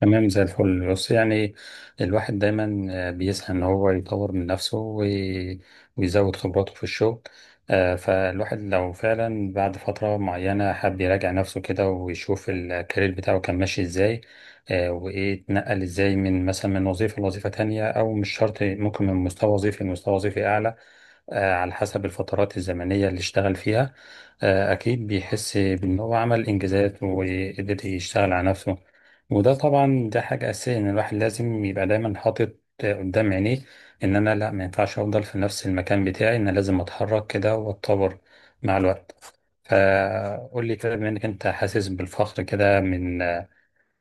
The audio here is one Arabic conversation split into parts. تمام، زي الفل. بص، يعني الواحد دايما بيسعى ان هو يطور من نفسه ويزود خبراته في الشغل. فالواحد لو فعلا بعد فترة معينة حب يراجع نفسه كده ويشوف الكارير بتاعه كان ماشي ازاي. وايه اتنقل ازاي من مثلا من وظيفة لوظيفة تانية، او مش شرط، ممكن من مستوى وظيفي لمستوى وظيفي اعلى، على حسب الفترات الزمنية اللي اشتغل فيها. أكيد بيحس بإن هو عمل إنجازات وقدر يشتغل على نفسه. وده طبعا، ده حاجة أساسية، إن الواحد لازم يبقى دايما حاطط قدام عينيه إن أنا لأ، ما ينفعش أفضل في نفس المكان بتاعي، إن أنا لازم أتحرك كده وأتطور مع الوقت. فقول لي كده، بما إنك أنت حاسس بالفخر كده من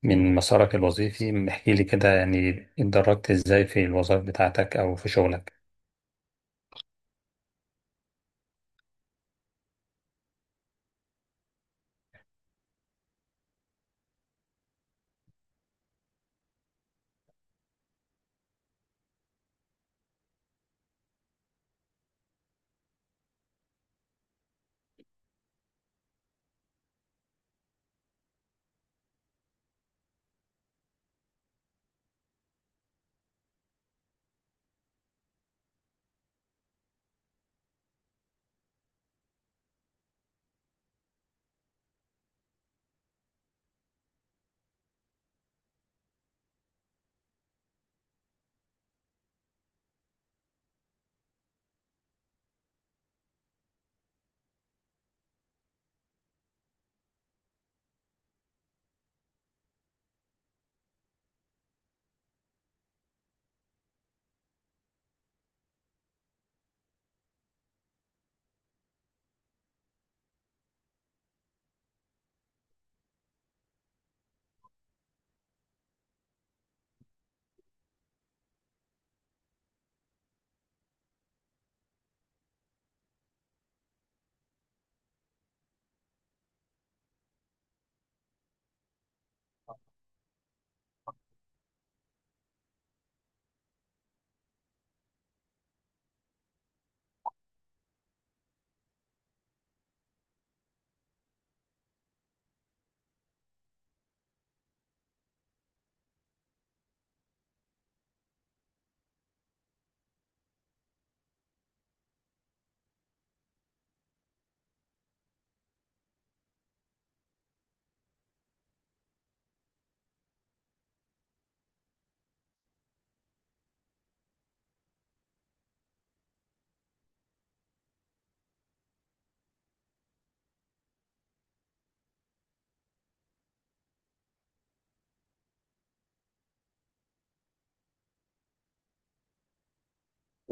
من مسارك الوظيفي، احكي لي كده يعني اتدرجت إزاي في الوظائف بتاعتك أو في شغلك.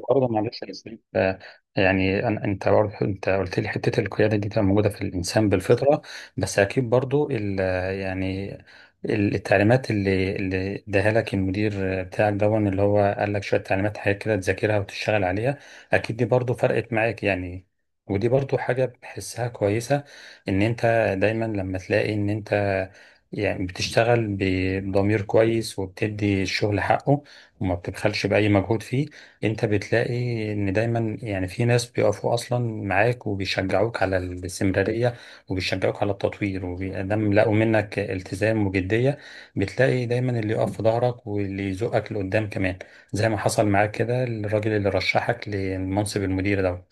برضه معلش يا ياسين، آه، يعني انت برضه انت قلت لي حته القياده دي تبقى موجوده في الانسان بالفطره، بس اكيد برضه يعني التعليمات اللي اداها لك المدير بتاعك، دون اللي هو قال لك شويه تعليمات حاجات كده تذاكرها وتشتغل عليها، اكيد دي برضه فرقت معاك يعني. ودي برضه حاجه بحسها كويسه، ان انت دايما لما تلاقي ان انت يعني بتشتغل بضمير كويس وبتدي الشغل حقه وما بتبخلش باي مجهود فيه، انت بتلاقي ان دايما يعني في ناس بيقفوا اصلا معاك وبيشجعوك على الاستمرارية وبيشجعوك على التطوير، ودام لقوا منك التزام وجدية بتلاقي دايما اللي يقف في ظهرك واللي يزقك لقدام كمان، زي ما حصل معاك كده الراجل اللي رشحك لمنصب المدير ده.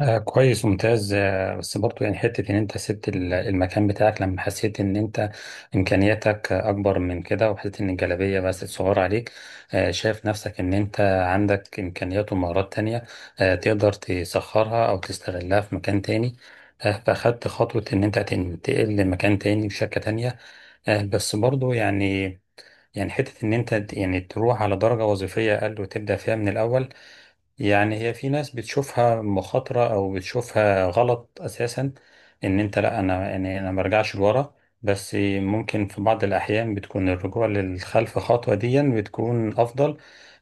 آه كويس، ممتاز. آه، بس برضو يعني حتة إن أنت سبت المكان بتاعك لما حسيت إن أنت إمكانياتك آه، أكبر من كده، وحسيت إن الجلابية بس صغيرة عليك، آه شايف نفسك إن أنت عندك إمكانيات ومهارات تانية آه تقدر تسخرها أو تستغلها في مكان تاني، آه فأخدت خطوة إن أنت تنتقل لمكان تاني بشركة تانية. آه، بس برضو يعني، يعني حتة إن أنت يعني تروح على درجة وظيفية أقل وتبدأ فيها من الأول، يعني هي في ناس بتشوفها مخاطرة أو بتشوفها غلط أساسا، إن أنت لأ، أنا يعني أنا مرجعش لورا. بس ممكن في بعض الأحيان بتكون الرجوع للخلف خطوة ديا بتكون أفضل.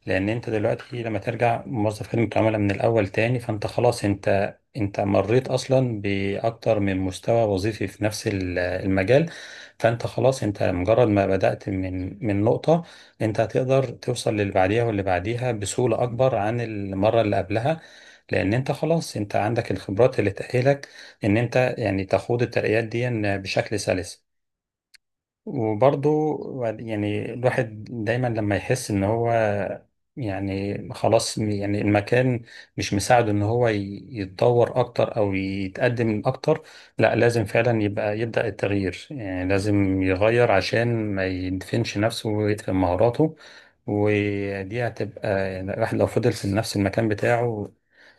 لأن أنت دلوقتي لما ترجع موظف خدمة عملاء من الأول تاني، فأنت خلاص، أنت مريت أصلا بأكتر من مستوى وظيفي في نفس المجال. فأنت خلاص، أنت مجرد ما بدأت من نقطة انت هتقدر توصل للي بعديها واللي بعديها بسهولة اكبر عن المرة اللي قبلها، لان انت خلاص انت عندك الخبرات اللي تأهلك ان انت يعني تخوض الترقيات دي بشكل سلس. وبرضه يعني الواحد دايما لما يحس ان هو يعني خلاص، يعني المكان مش مساعده ان هو يتطور اكتر او يتقدم اكتر، لا لازم فعلا يبقى يبدأ التغيير، يعني لازم يغير عشان ما يدفنش نفسه ويدفن مهاراته. ودي هتبقى يعني الواحد لو فضل في نفس المكان بتاعه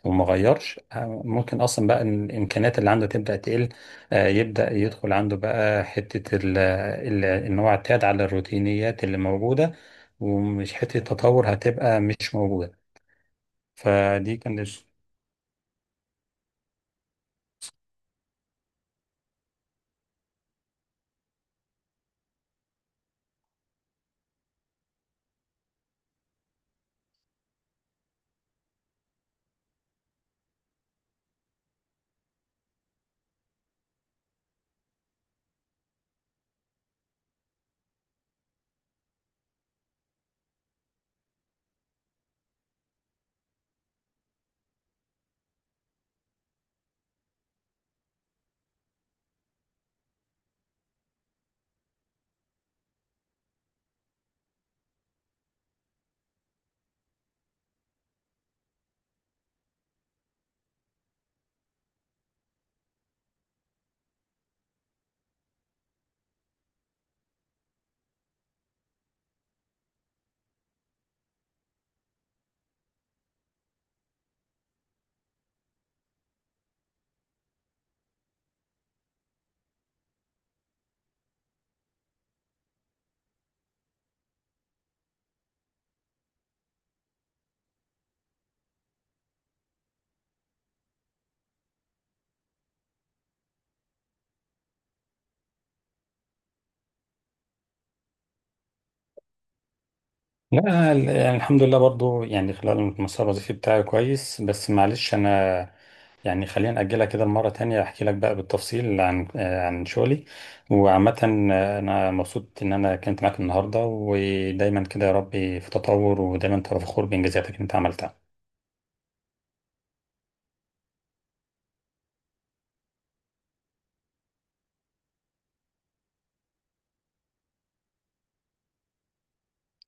وما غيرش، ممكن اصلا بقى الامكانيات اللي عنده تبدأ تقل، يبدأ يدخل عنده بقى حتة ال إن هو اعتاد على الروتينيات اللي موجودة، ومش حتة تطور هتبقى مش موجودة. فدي كانت. لا يعني الحمد لله، برضو يعني خلال المسار الوظيفي بتاعي كويس، بس معلش أنا يعني خلينا نأجلها كده مرة تانية أحكي لك بقى بالتفصيل عن عن شغلي. وعامة آه، أنا مبسوط إن أنا كنت معاك النهاردة، ودايما كده يا ربي في تطور ودايما تبقى فخور بإنجازاتك اللي أنت عملتها.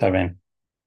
تمام.